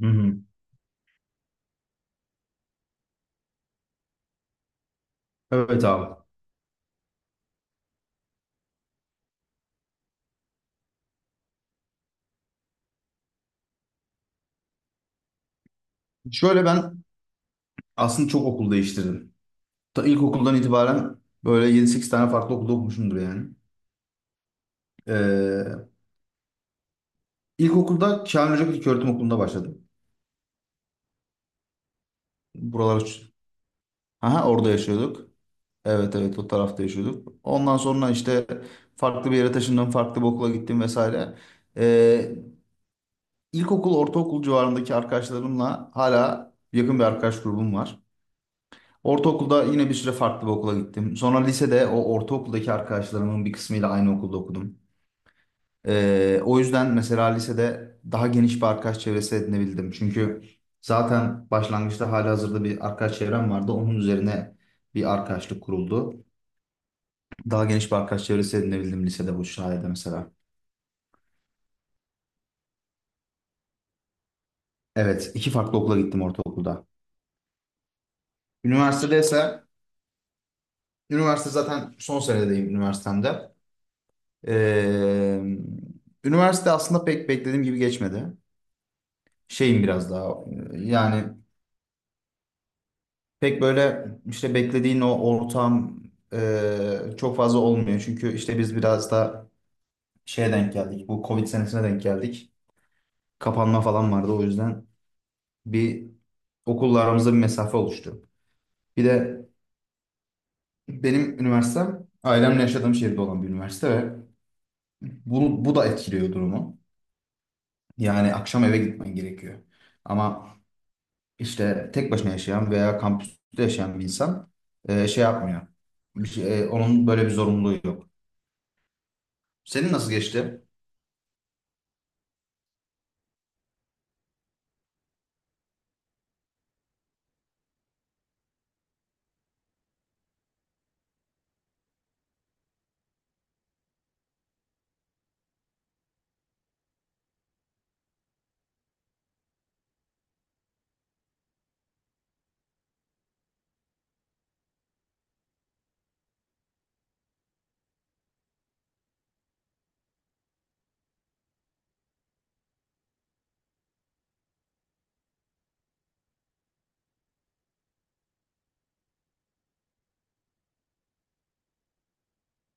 Hı hı. Evet abi. Şöyle ben aslında çok okul değiştirdim. Ta ilkokuldan itibaren böyle yedi sekiz tane farklı okulda okumuşumdur yani. Ee, ilkokulda Kamil Hoca İlköğretim Okulu'nda başladım. Buralar. Aha, Orada yaşıyorduk. Evet evet, o tarafta yaşıyorduk. Ondan sonra işte farklı bir yere taşındım, farklı bir okula gittim vesaire. Ee, ilkokul, ortaokul civarındaki arkadaşlarımla hala yakın bir arkadaş grubum var. Ortaokulda yine bir süre farklı bir okula gittim. Sonra lisede o ortaokuldaki arkadaşlarımın bir kısmıyla aynı okulda okudum. O yüzden mesela lisede daha geniş bir arkadaş çevresi edinebildim. Çünkü zaten başlangıçta halihazırda bir arkadaş çevrem vardı. Onun üzerine bir arkadaşlık kuruldu. Daha geniş bir arkadaş çevresi edinebildim lisede bu sayede mesela. Evet, iki farklı okula gittim ortaokulda. Üniversitede ise, üniversite zaten son senedeyim üniversitemde. Ee, üniversite aslında pek beklediğim gibi geçmedi. Şeyim biraz daha yani pek böyle işte beklediğin o ortam çok fazla olmuyor. Çünkü işte biz biraz da şeye denk geldik. Bu Covid senesine denk geldik. Kapanma falan vardı, o yüzden bir okulla aramızda bir mesafe oluştu. Bir de benim üniversitem ailemle yaşadığım şehirde olan bir üniversite ve bu da etkiliyor durumu. Yani akşam eve gitmen gerekiyor. Ama işte tek başına yaşayan veya kampüste yaşayan bir insan şey yapmıyor. Onun böyle bir zorunluluğu yok. Senin nasıl geçti?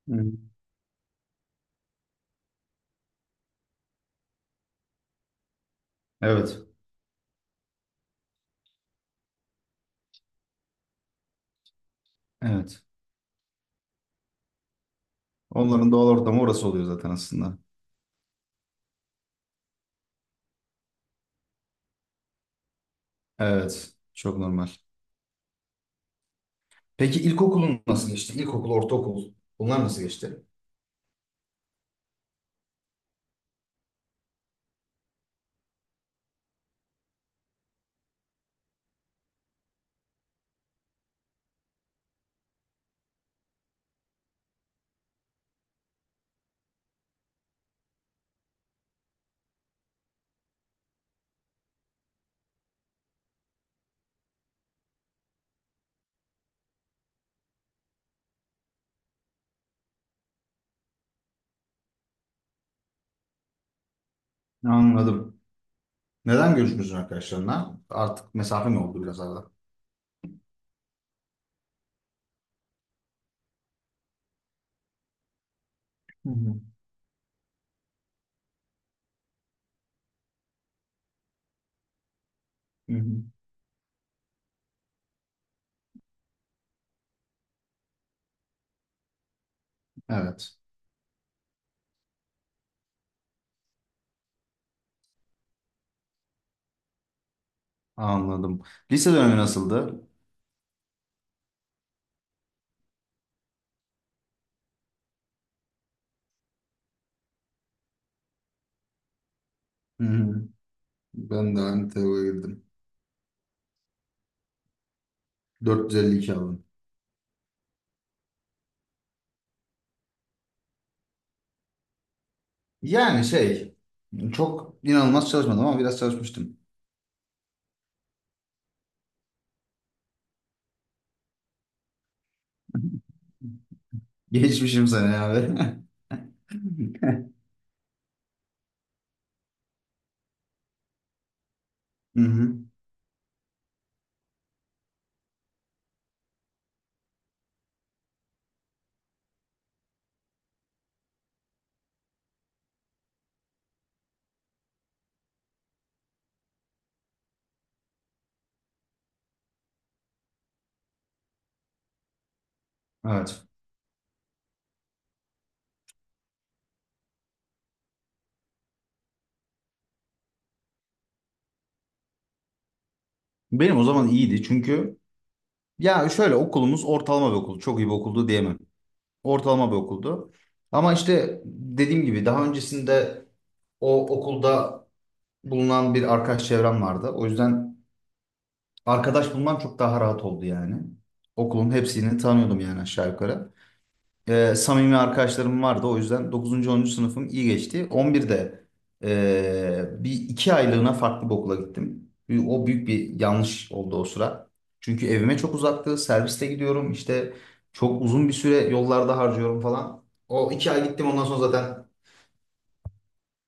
Hı. Evet. Evet. Onların doğal ortamı orası oluyor zaten aslında. Evet. Çok normal. Peki ilkokulun nasıl geçti? İlkokul, ortaokul, bunlar nasıl geçti? Anladım. Neden görüşmüyorsun arkadaşlarına? Artık mesafe mi oldu biraz arada? Hı hı. Hı hı. Evet, anladım. Lise dönemi nasıldı? Hı hı. Ben de aynı TEO'ya girdim. 452 aldım. Yani şey, çok inanılmaz çalışmadım ama biraz çalışmıştım. Geçmişim seni abi. Hı hı. Evet. Benim o zaman iyiydi çünkü ya şöyle, okulumuz ortalama bir okul. Çok iyi bir okuldu diyemem. Ortalama bir okuldu. Ama işte dediğim gibi daha öncesinde o okulda bulunan bir arkadaş çevrem vardı. O yüzden arkadaş bulmam çok daha rahat oldu yani. Okulun hepsini tanıyordum yani aşağı yukarı. Samimi arkadaşlarım vardı. O yüzden dokuzuncu onuncu sınıfım iyi geçti. 11'de bir iki aylığına farklı bir okula gittim. O büyük bir yanlış oldu o sıra. Çünkü evime çok uzaktı. Serviste gidiyorum. İşte çok uzun bir süre yollarda harcıyorum falan. O 2 ay gittim, ondan sonra zaten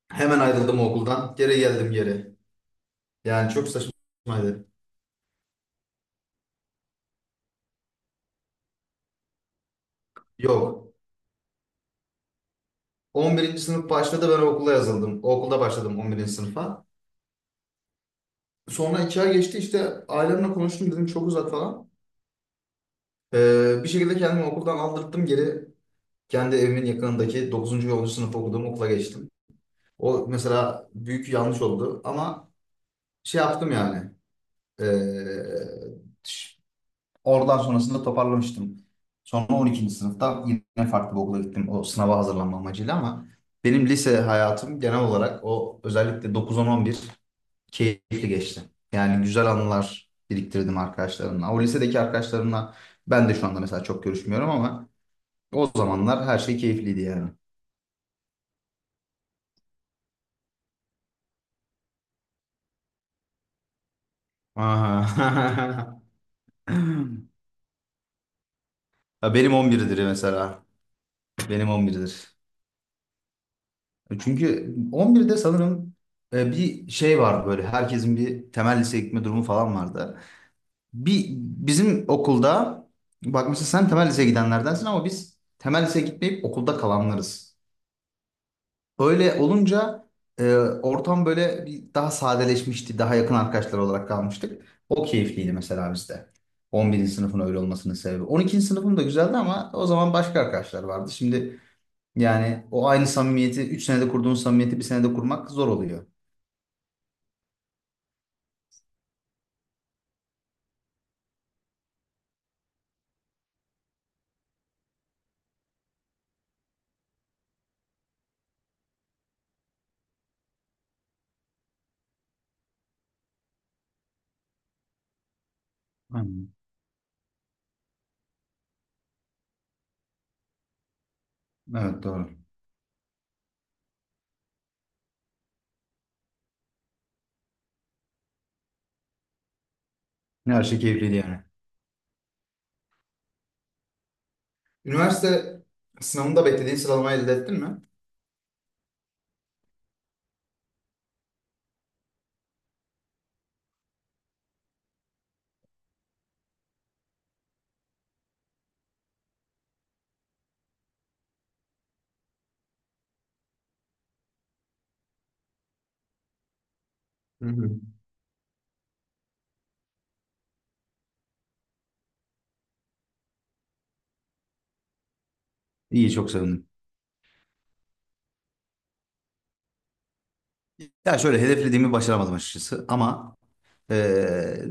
hemen ayrıldım o okuldan. Geri geldim geri. Yani çok saçmaydı. Yok. 11. sınıf başladı, ben o okula yazıldım. O okulda başladım 11. sınıfa. Sonra 2 ay geçti, işte ailemle konuştum, dedim çok uzak falan. Bir şekilde kendimi okuldan aldırttım geri. Kendi evimin yakınındaki dokuzuncu ve 10. sınıf okuduğum okula geçtim. O mesela büyük yanlış oldu ama şey yaptım yani. Ee, ş- oradan sonrasında toparlamıştım. Sonra 12. sınıfta yine farklı bir okula gittim, o sınava hazırlanma amacıyla, ama benim lise hayatım genel olarak, o özellikle 9 on on bir, keyifli geçti. Yani güzel anılar biriktirdim arkadaşlarımla. O lisedeki arkadaşlarımla ben de şu anda mesela çok görüşmüyorum ama o zamanlar her şey keyifliydi yani. Aha. Ya benim 11'dir mesela. Benim 11'dir. Çünkü 11'de sanırım bir şey vardı böyle. Herkesin bir temel liseye gitme durumu falan vardı. Bir bizim okulda, bak mesela sen temel liseye gidenlerdensin ama biz temel liseye gitmeyip okulda kalanlarız. Böyle olunca ortam böyle bir daha sadeleşmişti. Daha yakın arkadaşlar olarak kalmıştık. O keyifliydi mesela bizde. 11. sınıfın öyle olmasının sebebi. 12. sınıfım da güzeldi ama o zaman başka arkadaşlar vardı. Şimdi yani o aynı samimiyeti 3 senede kurduğun samimiyeti bir senede kurmak zor oluyor. Aynen. Evet, doğru. Ne her şey keyifliydi yani. Üniversite sınavında beklediğin sıralamayı elde ettin mi? Hı hı. İyi, çok sevindim. Ya şöyle, hedeflediğimi başaramadım açıkçası ama eee,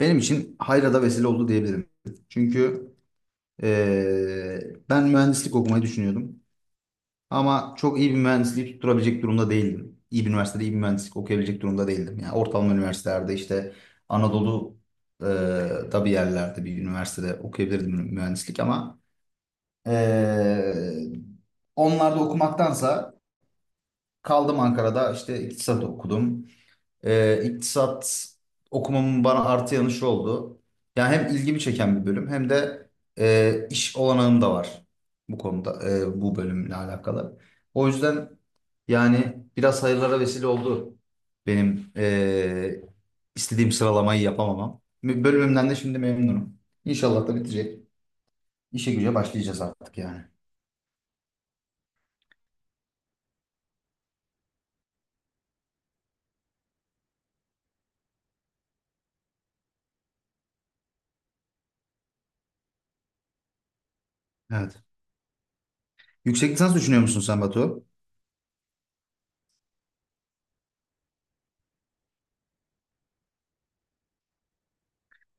benim için hayra da vesile oldu diyebilirim. Çünkü ben mühendislik okumayı düşünüyordum ama çok iyi bir mühendisliği tutturabilecek durumda değildim. İyi bir üniversitede iyi bir mühendislik okuyabilecek durumda değildim. Yani ortalama üniversitelerde, işte Anadolu eee, da bir yerlerde bir üniversitede okuyabilirdim mühendislik ama eee onlarda okumaktansa kaldım Ankara'da, işte iktisat okudum. İktisat okumamın bana artı yanı şu oldu. Yani hem ilgimi çeken bir bölüm hem de iş olanağım da var bu konuda, bu bölümle alakalı. O yüzden yani biraz hayırlara vesile oldu benim istediğim sıralamayı yapamamam. Bölümümden de şimdi memnunum. İnşallah da bitecek. İşe güce başlayacağız artık yani. Evet. Yüksek lisans düşünüyor musun sen Batu?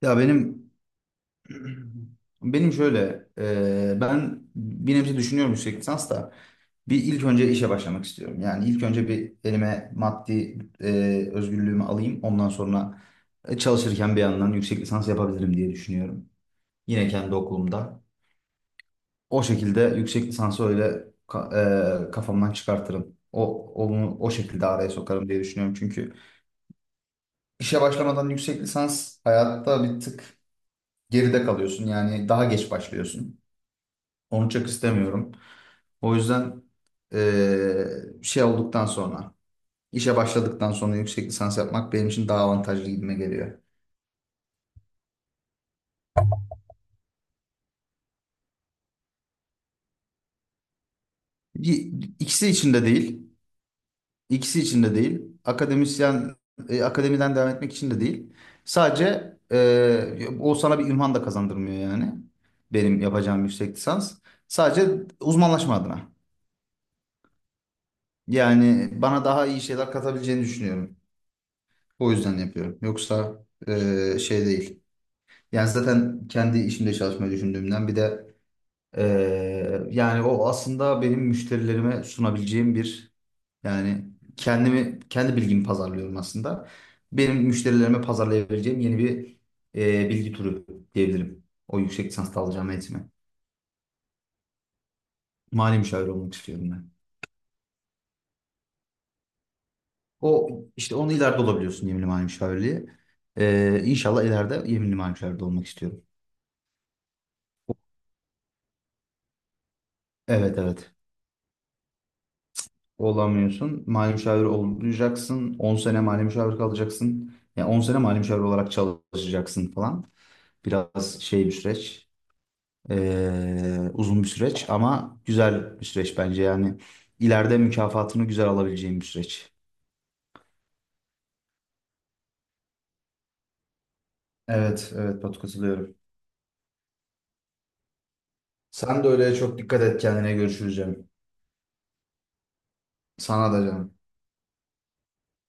Ya benim şöyle ben bir nebze düşünüyorum yüksek lisans da, bir ilk önce işe başlamak istiyorum. Yani ilk önce bir elime maddi özgürlüğümü alayım. Ondan sonra çalışırken bir yandan yüksek lisans yapabilirim diye düşünüyorum. Yine kendi okulumda. O şekilde yüksek lisansı öyle kafamdan çıkartırım. Onu o şekilde araya sokarım diye düşünüyorum. Çünkü işe başlamadan yüksek lisans hayatta bir tık geride kalıyorsun. Yani daha geç başlıyorsun. Onu çok istemiyorum. O yüzden şey olduktan sonra, işe başladıktan sonra yüksek lisans yapmak benim için daha avantajlı gibime geliyor. Y- İkisi için de değil. İkisi için de değil. Akademiden devam etmek için de değil. Sadece o sana bir ünvan da kazandırmıyor yani. Benim yapacağım yüksek lisans. Sadece uzmanlaşma adına. Yani bana daha iyi şeyler katabileceğini düşünüyorum. O yüzden yapıyorum. Yoksa şey değil. Yani zaten kendi işimde çalışmayı düşündüğümden bir de e, yani o aslında benim müşterilerime sunabileceğim bir. Yani kendimi, kendi bilgimi pazarlıyorum aslında. Benim müşterilerime pazarlayabileceğim yeni bir bilgi turu diyebilirim. O yüksek lisansta alacağım eğitimi. Mali müşavir olmak istiyorum ben. O işte onu ileride olabiliyorsun, yeminli mali müşavirliği. İnşallah ileride yeminli mali müşavir de olmak istiyorum. Evet evet. Olamıyorsun. Mali müşavir olacaksın. 10 sene mali müşavir kalacaksın. Yani 10 sene mali müşavir olarak çalışacaksın falan. Biraz şey bir süreç. Uzun bir süreç ama güzel bir süreç bence yani ileride mükafatını güzel alabileceğim bir süreç. Evet, evet Batu, katılıyorum. Sen de öyle, çok dikkat et kendine, görüşürüz canım. Sana da canım.